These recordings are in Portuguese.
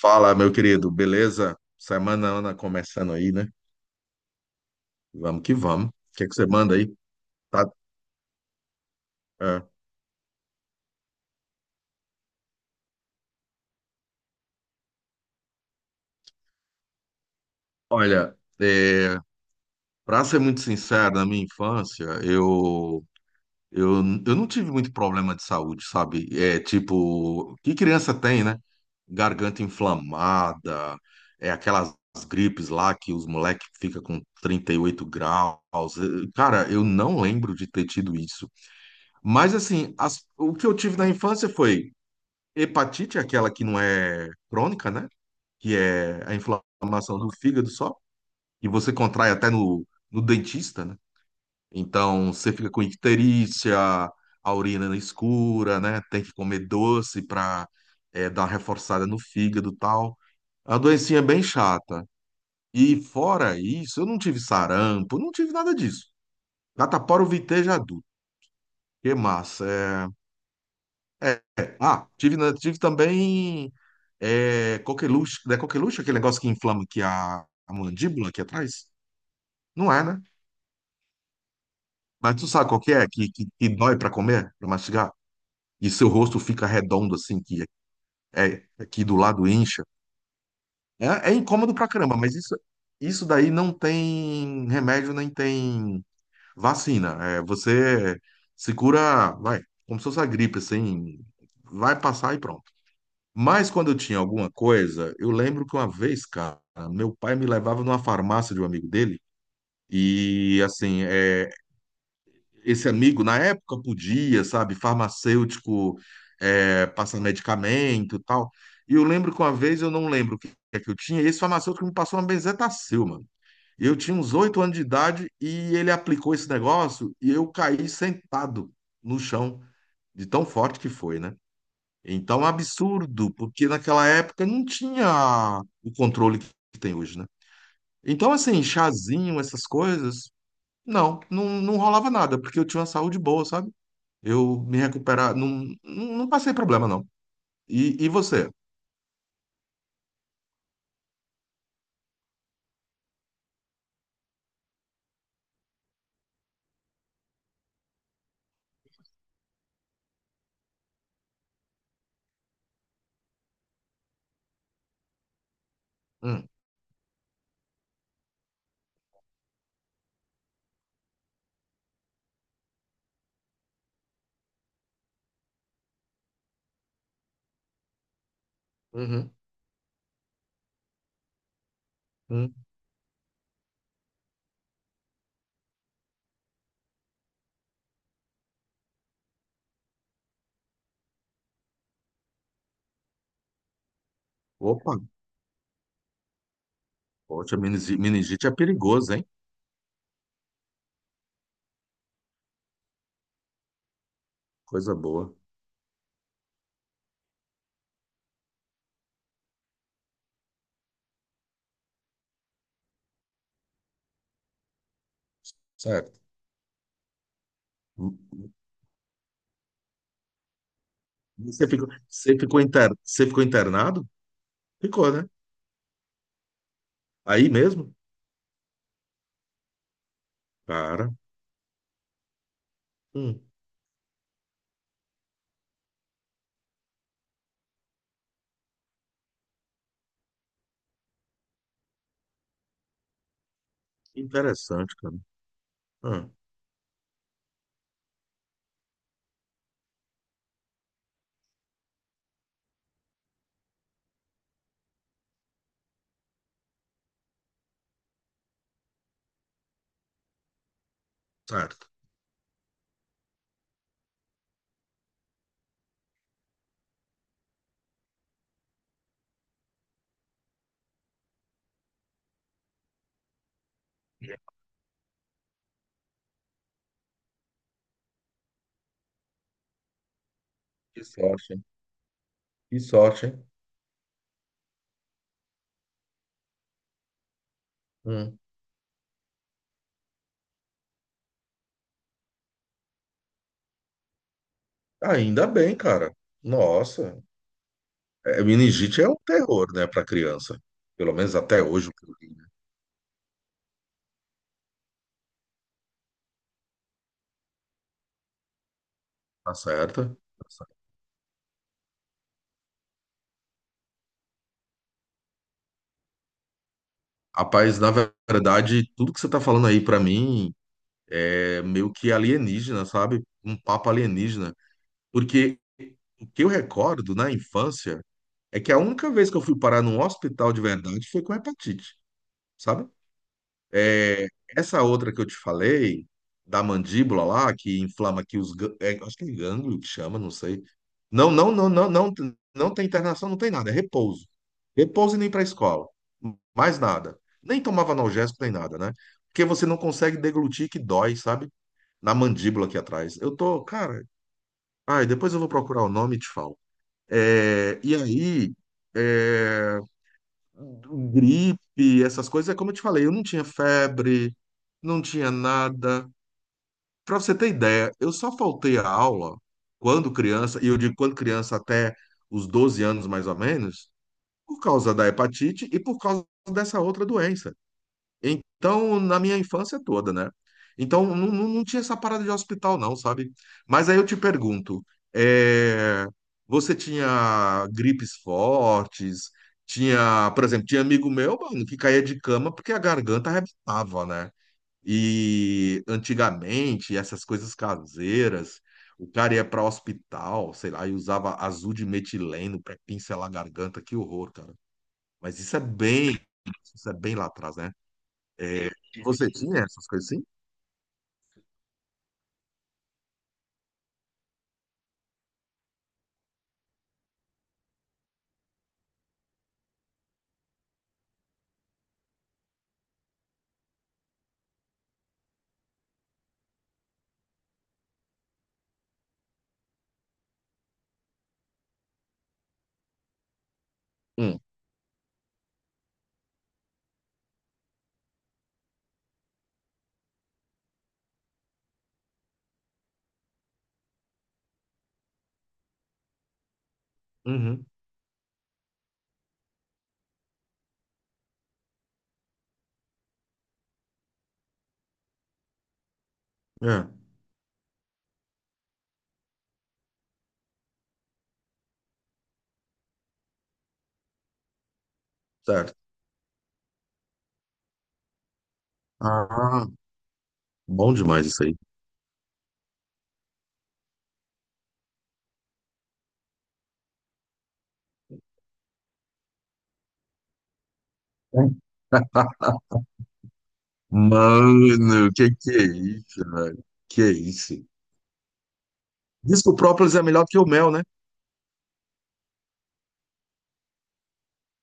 Fala, meu querido, beleza? Semana Ana começando aí, né? Vamos que vamos. O que é que você manda aí? Tá, é. Olha, é, para ser muito sincero, na minha infância, eu não tive muito problema de saúde, sabe? É tipo, que criança tem, né? Garganta inflamada, é aquelas gripes lá que os moleques ficam com 38 graus. É, cara, eu não lembro de ter tido isso. Mas assim, o que eu tive na infância foi hepatite, é aquela que não é crônica, né? Que é a inflamação do fígado só, e você contrai até no, dentista, né? Então você fica com icterícia, a urina escura, né? Tem que comer doce para dar uma reforçada no fígado e tal. A doencinha é bem chata. E fora isso, eu não tive sarampo, não tive nada disso. Catapora eu vitei já é adulto. Que massa. É, é. Ah, tive, né, tive também é coqueluche, não é coqueluche aquele negócio que inflama aqui a mandíbula aqui atrás? Não é, né? Mas tu sabe qual que é? Que dói pra comer, pra mastigar? E seu rosto fica redondo assim, que é aqui do lado incha. É, é incômodo pra caramba, mas isso daí não tem remédio nem tem vacina. É, você se cura, vai, como se fosse a gripe, assim, vai passar e pronto. Mas quando eu tinha alguma coisa, eu lembro que uma vez, cara, meu pai me levava numa farmácia de um amigo dele. E assim, é, esse amigo na época podia, sabe, farmacêutico, é, passar medicamento e tal. E eu lembro que uma vez, eu não lembro o que é que eu tinha, e esse farmacêutico me passou uma benzetacil, mano. E eu tinha uns 8 anos de idade e ele aplicou esse negócio e eu caí sentado no chão, de tão forte que foi, né? Então, é um absurdo, porque naquela época não tinha o controle que tem hoje, né? Então, assim, chazinho, essas coisas, não, não, não rolava nada, porque eu tinha uma saúde boa, sabe? Eu me recuperava, não, não, não passei problema, não. E você? Hum. Uhum. Hum. Opa, poxa, meningite é perigoso, hein? Coisa boa. Certo. Você ficou internado? Ficou, né? Aí mesmo? Cara, hum, interessante, cara. Hum, certo. Que sorte, hein? Que sorte, hein? Hum. Ainda bem, cara. Nossa, é, meningite é um terror, né, para criança. Pelo menos até hoje o que eu li, né? Tá certo? Tá certo. Rapaz, na verdade, tudo que você tá falando aí pra mim é meio que alienígena, sabe? Um papo alienígena. Porque o que eu recordo na infância é que a única vez que eu fui parar num hospital de verdade foi com hepatite, sabe? É, essa outra que eu te falei, da mandíbula lá, que inflama aqui é, acho que é gânglio que chama, não sei. Não, não, não, não, não, não tem internação, não tem nada, é repouso. Repouso e nem para escola. Mais nada. Nem tomava analgésico, nem nada, né? Porque você não consegue deglutir que dói, sabe? Na mandíbula aqui atrás. Eu tô, cara. Ai, depois eu vou procurar o nome e te falo. É, e aí. É, gripe, essas coisas, é como eu te falei, eu não tinha febre, não tinha nada. Para você ter ideia, eu só faltei a aula quando criança, e eu digo quando criança até os 12 anos mais ou menos, por causa da hepatite e por causa dessa outra doença. Então, na minha infância toda, né? Então, não, não, não tinha essa parada de hospital, não, sabe? Mas aí eu te pergunto, é, você tinha gripes fortes? Tinha, por exemplo, tinha amigo meu, mano, que caía de cama porque a garganta arrebentava, né? E antigamente, essas coisas caseiras, o cara ia para hospital, sei lá, e usava azul de metileno para pincelar a garganta, que horror, cara. Mas isso é bem lá atrás, né? É, você tinha essas coisas assim? Hum. Uhum. É, certo. Ah, bom demais isso aí. Mano, que é isso, velho? Que é isso? Diz que o própolis é melhor que o mel, né?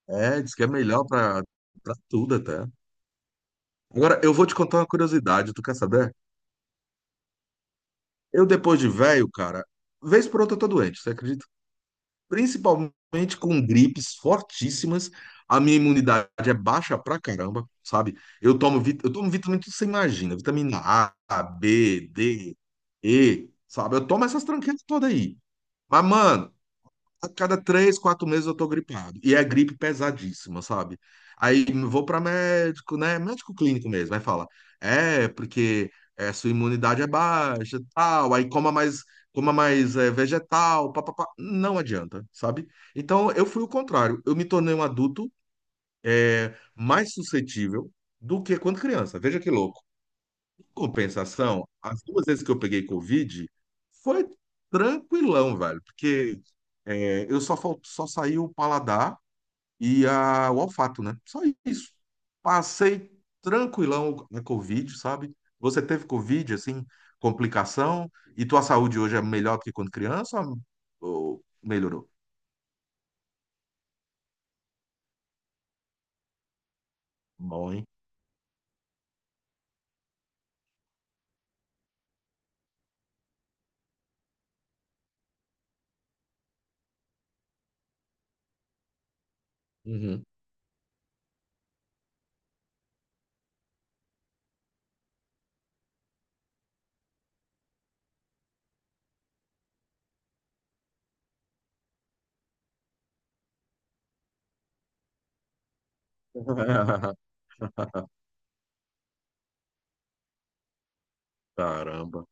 É, diz que é melhor pra tudo até. Agora, eu vou te contar uma curiosidade, tu quer saber? Eu, depois de velho, cara, vez por outra eu tô doente, você acredita? Principalmente com gripes fortíssimas. A minha imunidade é baixa pra caramba, sabe? Eu tomo vitamina que você imagina, vitamina A, B, D, E, sabe? Eu tomo essas tranqueiras todas aí. Mas, mano, a cada 3, 4 meses eu tô gripado. E é gripe pesadíssima, sabe? Aí vou para médico, né? Médico clínico mesmo. Aí fala, é, porque é, sua imunidade é baixa, tal. Aí coma mais é, vegetal, papapá. Não adianta, sabe? Então eu fui o contrário. Eu me tornei um adulto é, mais suscetível do que quando criança. Veja que louco. Compensação, as 2 vezes que eu peguei Covid, foi tranquilão, velho, porque é, eu só, só saí o paladar e o olfato, né? Só isso. Passei tranquilão na Covid, sabe? Você teve Covid, assim, complicação, e tua saúde hoje é melhor do que quando criança ou melhorou? Bom, hein? Uhum. Caramba.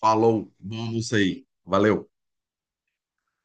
Falou, bom, não sei. Valeu.